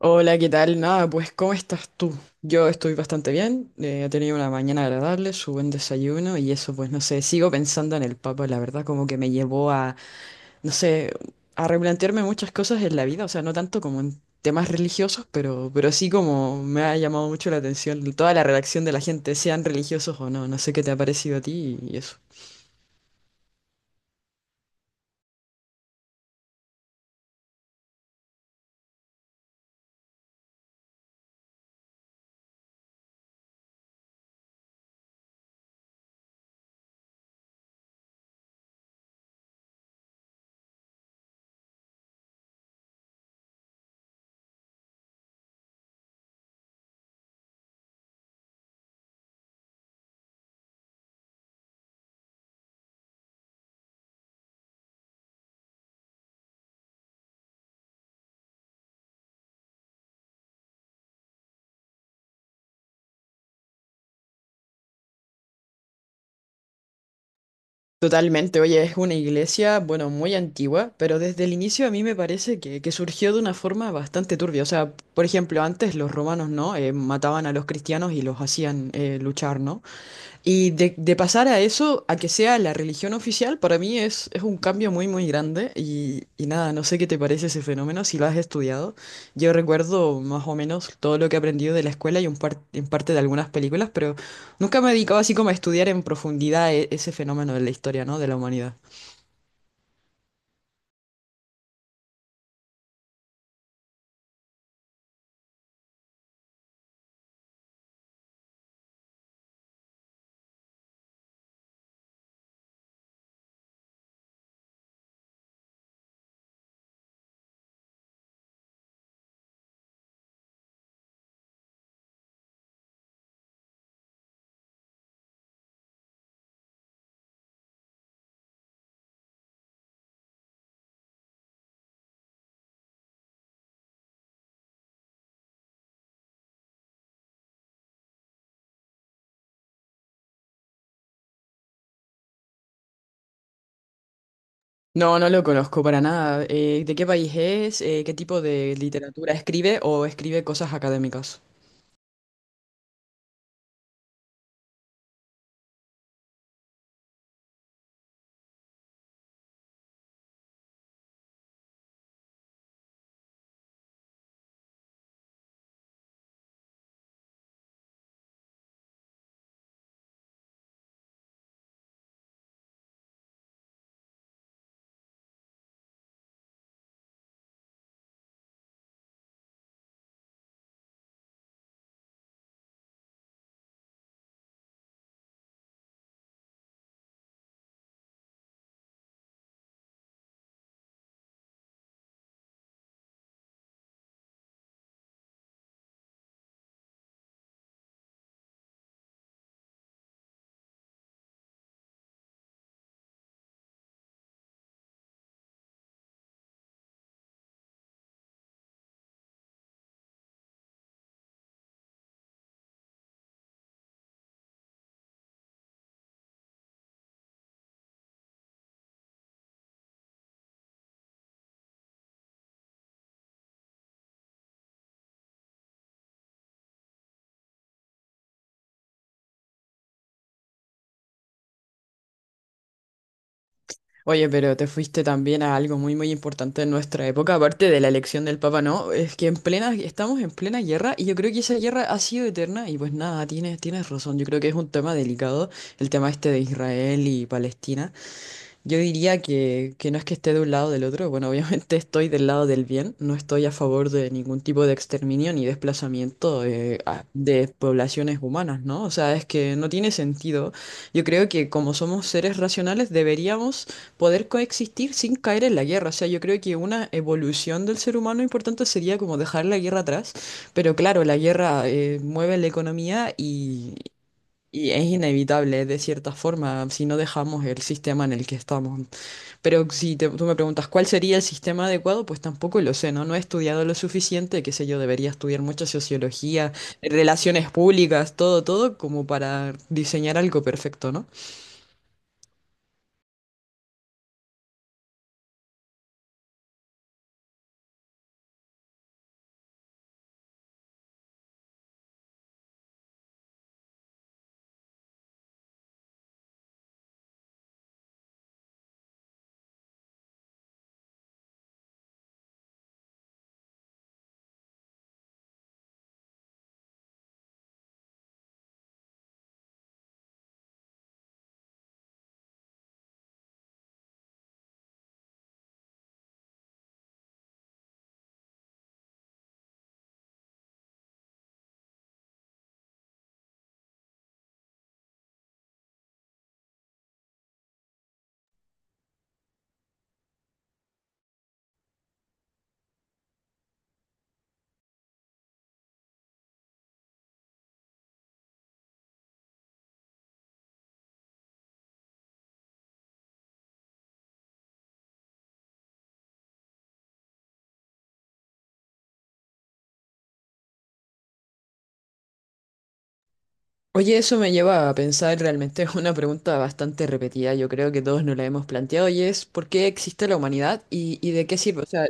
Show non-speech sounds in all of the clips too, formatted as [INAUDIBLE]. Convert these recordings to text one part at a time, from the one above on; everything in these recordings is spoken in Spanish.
Hola, ¿qué tal? Nada, pues ¿cómo estás tú? Yo estoy bastante bien, he tenido una mañana agradable, su buen desayuno y eso, pues no sé, sigo pensando en el Papa, la verdad, como que me llevó a, no sé, a replantearme muchas cosas en la vida, o sea, no tanto como en temas religiosos, pero sí como me ha llamado mucho la atención toda la reacción de la gente, sean religiosos o no, no sé qué te ha parecido a ti y eso. Totalmente, oye, es una iglesia, bueno, muy antigua, pero desde el inicio a mí me parece que surgió de una forma bastante turbia. O sea, por ejemplo, antes los romanos, ¿no? Mataban a los cristianos y los hacían luchar, ¿no? Y de pasar a eso, a que sea la religión oficial, para mí es un cambio muy, muy grande. Y nada, no sé qué te parece ese fenómeno, si lo has estudiado. Yo recuerdo más o menos todo lo que he aprendido de la escuela y en parte de algunas películas, pero nunca me he dedicado así como a estudiar en profundidad ese fenómeno de la historia, ¿no? De la humanidad. No, no lo conozco para nada. ¿De qué país es? ¿Qué tipo de literatura escribe o escribe cosas académicas? Oye, pero te fuiste también a algo muy, muy importante en nuestra época, aparte de la elección del Papa, ¿no? Es que en plena, estamos en plena guerra y yo creo que esa guerra ha sido eterna y pues nada, tienes, tienes razón, yo creo que es un tema delicado, el tema este de Israel y Palestina. Yo diría que no es que esté de un lado o del otro, bueno, obviamente [LAUGHS] estoy del lado del bien, no estoy a favor de ningún tipo de exterminio ni desplazamiento de poblaciones humanas, ¿no? O sea, es que no tiene sentido. Yo creo que como somos seres racionales deberíamos poder coexistir sin caer en la guerra. O sea, yo creo que una evolución del ser humano importante sería como dejar la guerra atrás, pero claro, la guerra mueve la economía y... Y es inevitable de cierta forma si no dejamos el sistema en el que estamos. Pero si te- tú me preguntas cuál sería el sistema adecuado, pues tampoco lo sé, ¿no? No he estudiado lo suficiente, qué sé yo, debería estudiar mucha sociología, relaciones públicas, todo, todo, como para diseñar algo perfecto, ¿no? Oye, eso me lleva a pensar realmente [LAUGHS] es una pregunta bastante repetida, yo creo que todos nos la hemos planteado, y es ¿por qué existe la humanidad y de qué sirve? O sea,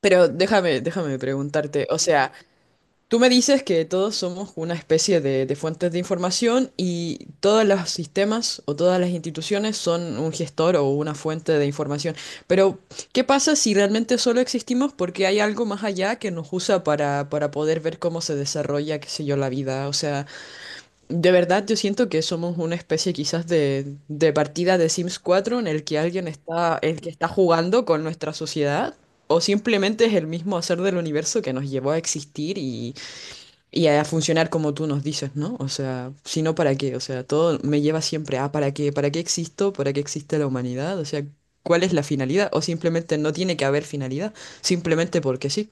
pero déjame preguntarte, o sea, tú me dices que todos somos una especie de fuentes de información y todos los sistemas o todas las instituciones son un gestor o una fuente de información. Pero, ¿qué pasa si realmente solo existimos porque hay algo más allá que nos usa para poder ver cómo se desarrolla, qué sé yo, la vida? O sea, de verdad yo siento que somos una especie quizás de partida de Sims cuatro en el que alguien está, el que está jugando con nuestra sociedad. O simplemente es el mismo hacer del universo que nos llevó a existir y a funcionar como tú nos dices, ¿no? O sea, si no, ¿para qué? O sea, todo me lleva siempre a ¿para qué? ¿Para qué existo? ¿Para qué existe la humanidad? O sea, ¿cuál es la finalidad? O simplemente no tiene que haber finalidad, simplemente porque sí.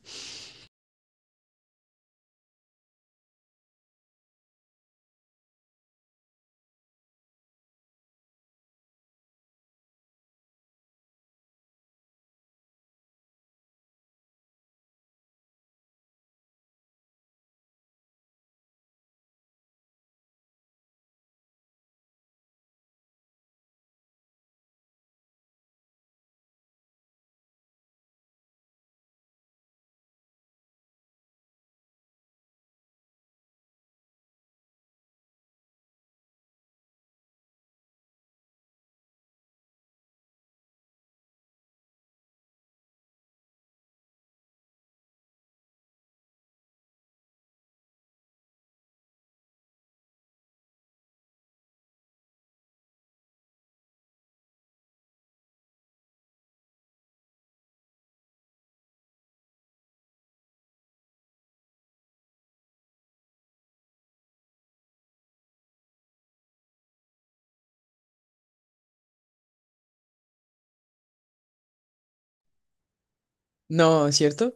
No, ¿es cierto?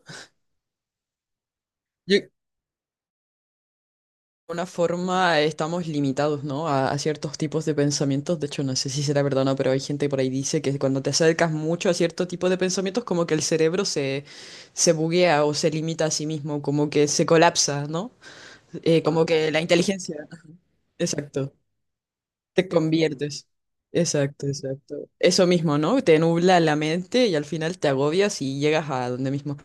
De alguna forma estamos limitados, ¿no? A ciertos tipos de pensamientos. De hecho, no sé si será verdad o no, pero hay gente por ahí dice que cuando te acercas mucho a cierto tipo de pensamientos, como que el cerebro se, se buguea o se limita a sí mismo, como que se colapsa, ¿no? Como que la inteligencia. Exacto, te conviertes. Exacto, exacto. Eso mismo, ¿no? Te nubla la mente y al final te agobias y llegas a donde mismo.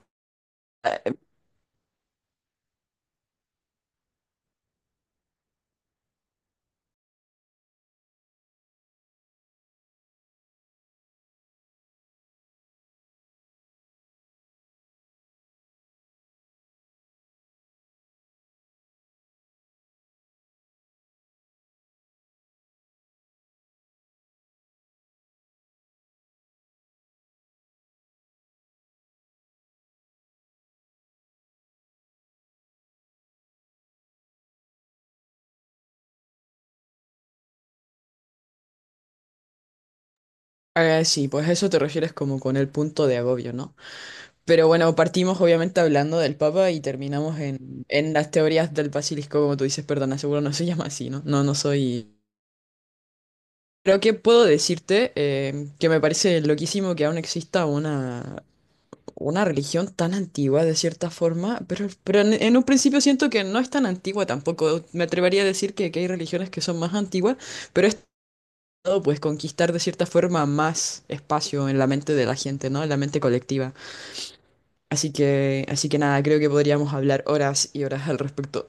Ah, sí, pues a eso te refieres como con el punto de agobio, ¿no? Pero bueno, partimos obviamente hablando del Papa y terminamos en las teorías del basilisco, como tú dices, perdona, seguro no se [LAUGHS] llama así, ¿no? No, no soy... Creo que puedo decirte que me parece loquísimo que aún exista una religión tan antigua de cierta forma, pero en un principio siento que no es tan antigua tampoco. Me atrevería a decir que hay religiones que son más antiguas, pero es todo pues conquistar de cierta forma más espacio en la mente de la gente, ¿no? En la mente colectiva. Así que nada, creo que podríamos hablar horas y horas al respecto.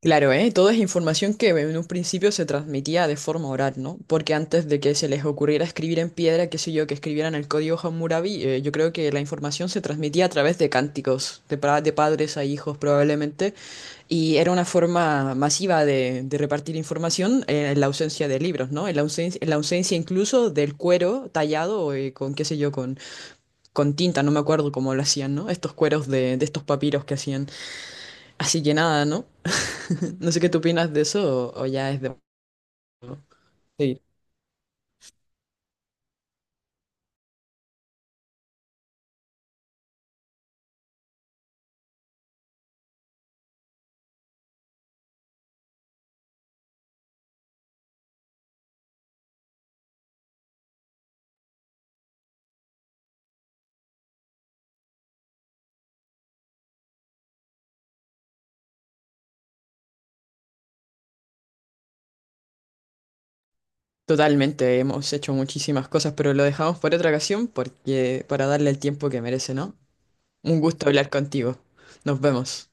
Claro, ¿eh? Todo es información que en un principio se transmitía de forma oral, ¿no? Porque antes de que se les ocurriera escribir en piedra, qué sé yo, que escribieran el código Hammurabi, yo creo que la información se transmitía a través de cánticos, de, de padres a hijos probablemente, y era una forma masiva de repartir información en la ausencia de libros, ¿no? En la ausencia incluso del cuero tallado con, qué sé yo, con tinta, no me acuerdo cómo lo hacían, ¿no? Estos cueros de estos papiros que hacían. Así que nada, ¿no? No sé qué tú opinas de eso o ya es de... Sí, totalmente, hemos hecho muchísimas cosas, pero lo dejamos por otra ocasión porque para darle el tiempo que merece, ¿no? Un gusto hablar contigo. Nos vemos.